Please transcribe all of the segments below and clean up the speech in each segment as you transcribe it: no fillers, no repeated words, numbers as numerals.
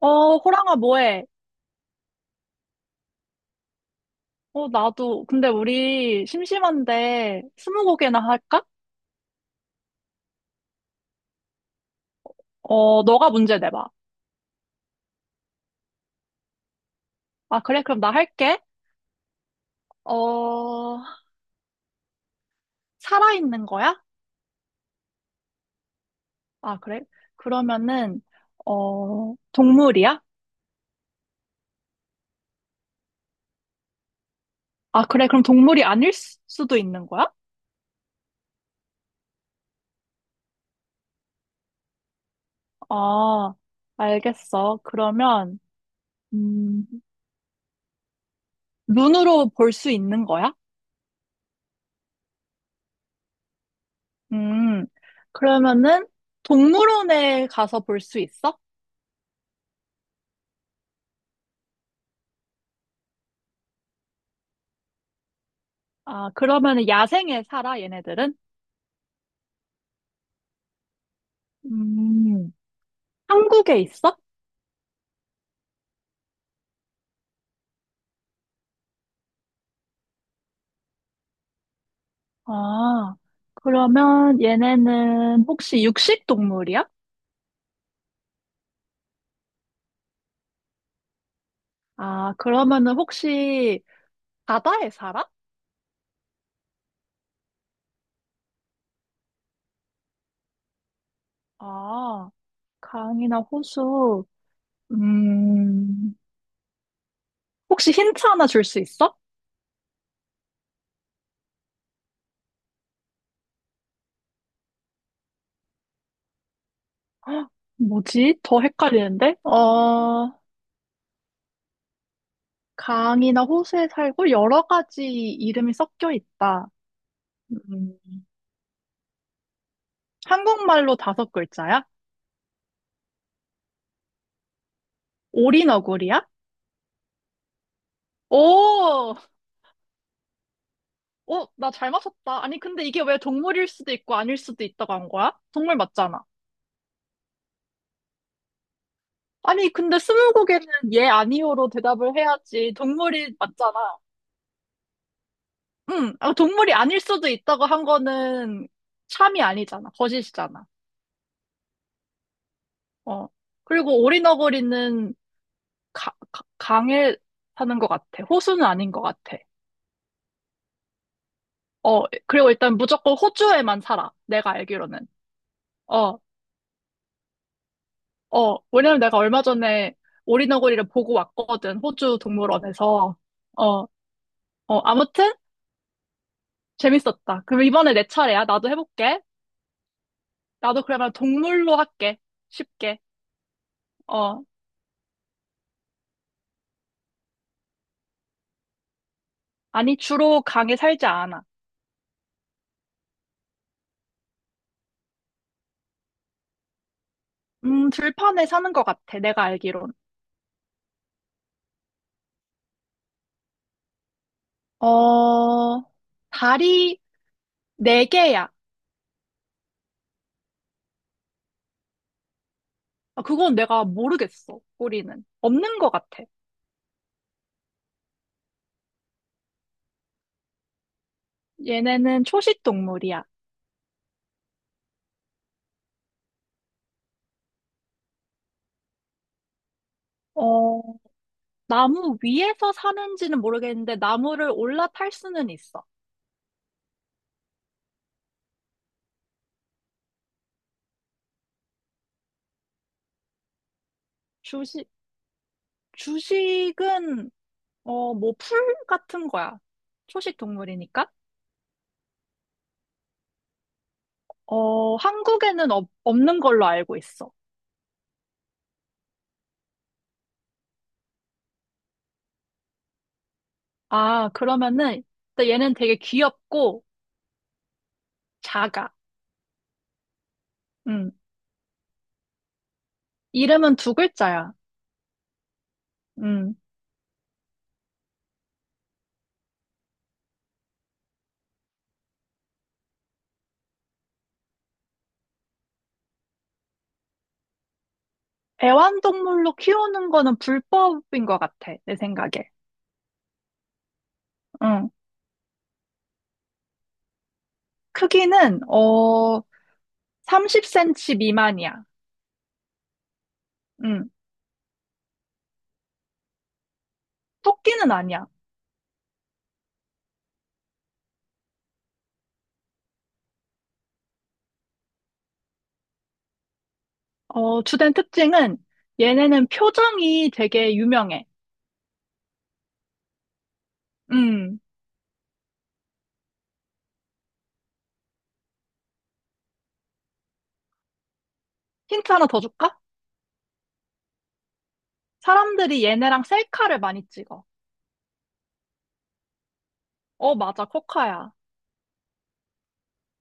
호랑아, 뭐해? 어, 나도. 근데 우리 심심한데 스무고개나 할까? 너가 문제 내봐. 아, 그래? 그럼 나 할게. 어, 살아있는 거야? 아, 그래? 그러면은, 동물이야? 아, 그래? 그럼 동물이 아닐 수도 있는 거야? 아, 알겠어. 그러면, 음, 눈으로 볼 수 있는 거야? 음, 그러면은 동물원에 가서 볼 수 있어? 아, 그러면은 야생에 살아, 얘네들은? 음, 한국에 있어? 아, 그러면 얘네는 혹시 육식 동물이야? 아, 그러면은 혹시 바다에 살아? 아, 강이나 호수. 음, 혹시 힌트 하나 줄 수 있어? 뭐지? 더 헷갈리는데? 강이나 호수에 살고 여러 가지 이름이 섞여 있다. 음, 한국말로 다섯 글자야? 오리너구리야? 오, 오, 나 잘 맞췄다. 아니, 근데 이게 왜 동물일 수도 있고 아닐 수도 있다고 한 거야? 동물 맞잖아. 아니, 근데 스무고개는 예, 아니오로 대답을 해야지. 동물이 맞잖아. 응, 아, 동물이 아닐 수도 있다고 한 거는 참이 아니잖아. 거짓이잖아. 어. 그리고 오리너구리는 강에 사는 것 같아. 호수는 아닌 것 같아. 어, 그리고 일단 무조건 호주에만 살아. 내가 알기로는. 어, 왜냐면 내가 얼마 전에 오리너구리를 보고 왔거든, 호주 동물원에서. 어, 아무튼 재밌었다. 그럼 이번에 내 차례야. 나도 해볼게. 나도 그러면 동물로 할게. 쉽게. 어, 아니, 주로 강에 살지 않아. 들판에 사는 것 같아. 내가 알기론. 어, 다리 네 개야. 아, 그건 내가 모르겠어. 꼬리는. 없는 것 같아. 얘네는 초식 동물이야. 어, 나무 위에서 사는지는 모르겠는데 나무를 올라탈 수는 있어. 주식, 주식은 뭐 풀 같은 거야. 초식 동물이니까. 어, 한국에는 없는 걸로 알고 있어. 아, 그러면은 일단 얘는 되게 귀엽고 작아. 음. 이름은 두 글자야. 음. 애완동물로 키우는 거는 불법인 것 같아. 내 생각에. 응. 크기는 30cm 미만이야. 응. 토끼는 아니야. 주된 특징은 얘네는 표정이 되게 유명해. 음, 힌트 하나 더 줄까? 사람들이 얘네랑 셀카를 많이 찍어. 어, 맞아, 코카야.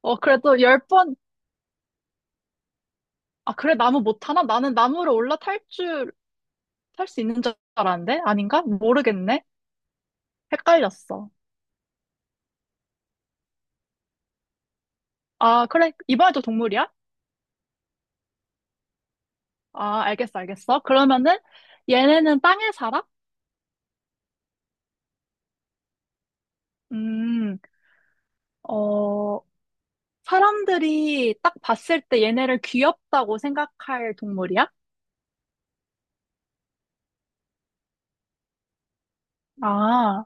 어, 그래도 열 번, 아, 그래, 나무 못하나? 나는 나무를 올라탈 줄, 탈 수 있는 줄 알았는데? 아닌가? 모르겠네. 헷갈렸어. 아, 그래, 이번에도 동물이야? 아, 알겠어. 그러면은 얘네는 땅에 살아? 음, 어, 사람들이 딱 봤을 때 얘네를 귀엽다고 생각할 동물이야? 아,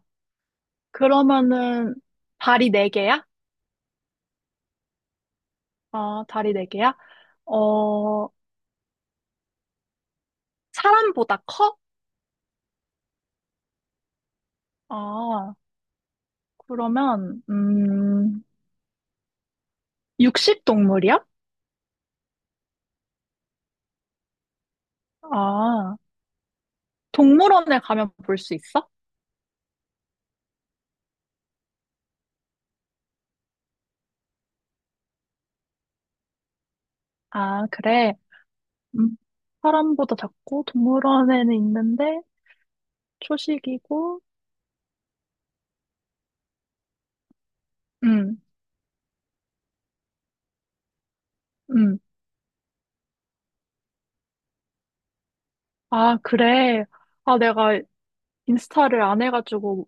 그러면은 다리 네개야. 아, 다리 네개야. 어, 사람보다 커? 아, 그러면, 육식 동물이야? 아, 동물원에 가면 볼 수 있어? 아, 그래. 음, 사람보다 작고 동물원에는 있는데 초식이고, 음, 음. 아, 그래. 아, 내가 인스타를 안 해가지고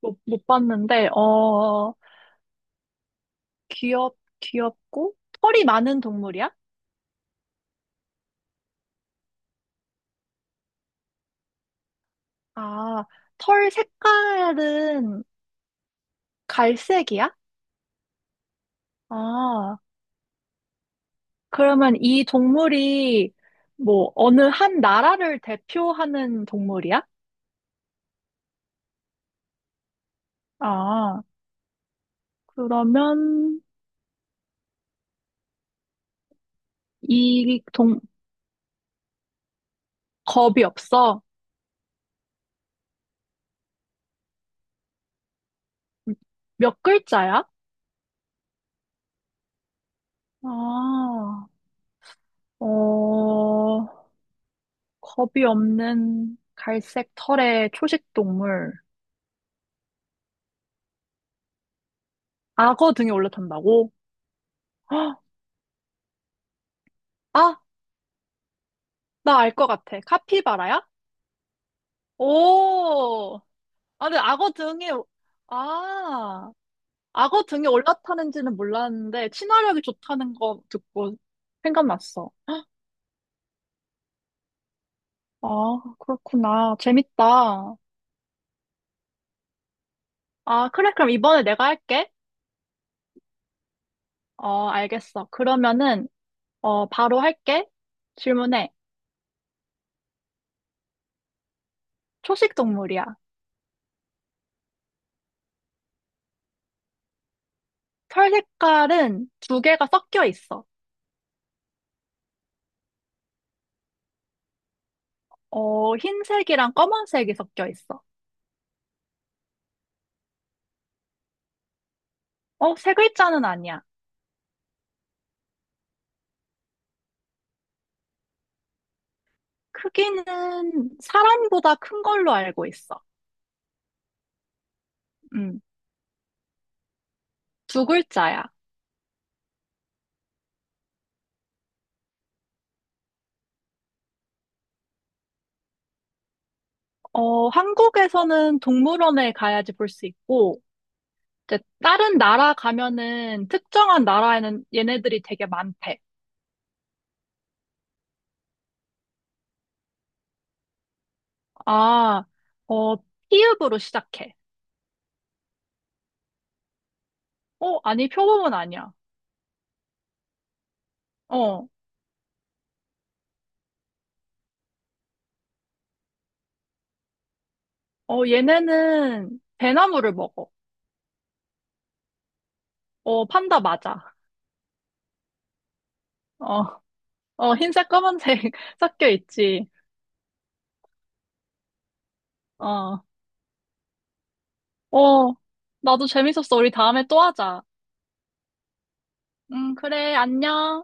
못 봤는데, 어, 귀엽고 털이 많은 동물이야? 아, 털 색깔은 갈색이야? 아, 그러면 이 동물이 뭐 어느 한 나라를 대표하는 동물이야? 아, 그러면 이 동, 겁이 없어? 몇 글자야? 아, 어, 겁이 없는 갈색 털의 초식 동물. 악어 등에 올라탄다고? 헉, 아, 나 알 것 같아. 카피바라야? 오. 아, 근데 악어 등에, 아, 악어 등에 올라타는지는 몰랐는데, 친화력이 좋다는 거 듣고 생각났어. 아, 그렇구나. 재밌다. 아, 그래. 그럼 이번에 내가 할게. 어, 알겠어. 그러면은, 어, 바로 할게. 질문해. 초식 동물이야. 털 색깔은 두 개가 섞여 있어. 흰색이랑 검은색이 섞여 있어. 세 글자는 아니야. 크기는 사람보다 큰 걸로 알고 있어. 음, 두 글자야. 어, 한국에서는 동물원에 가야지 볼 수 있고, 이제 다른 나라 가면은 특정한 나라에는 얘네들이 되게 많대. 아, 어, 피읍으로 시작해. 어, 아니, 표범은 아니야. 어, 얘네는 배나무를 먹어. 어, 판다 맞아. 어, 흰색, 검은색 섞여 있지. 어, 어, 나도 재밌었어. 우리 다음에 또 하자. 응, 그래, 안녕.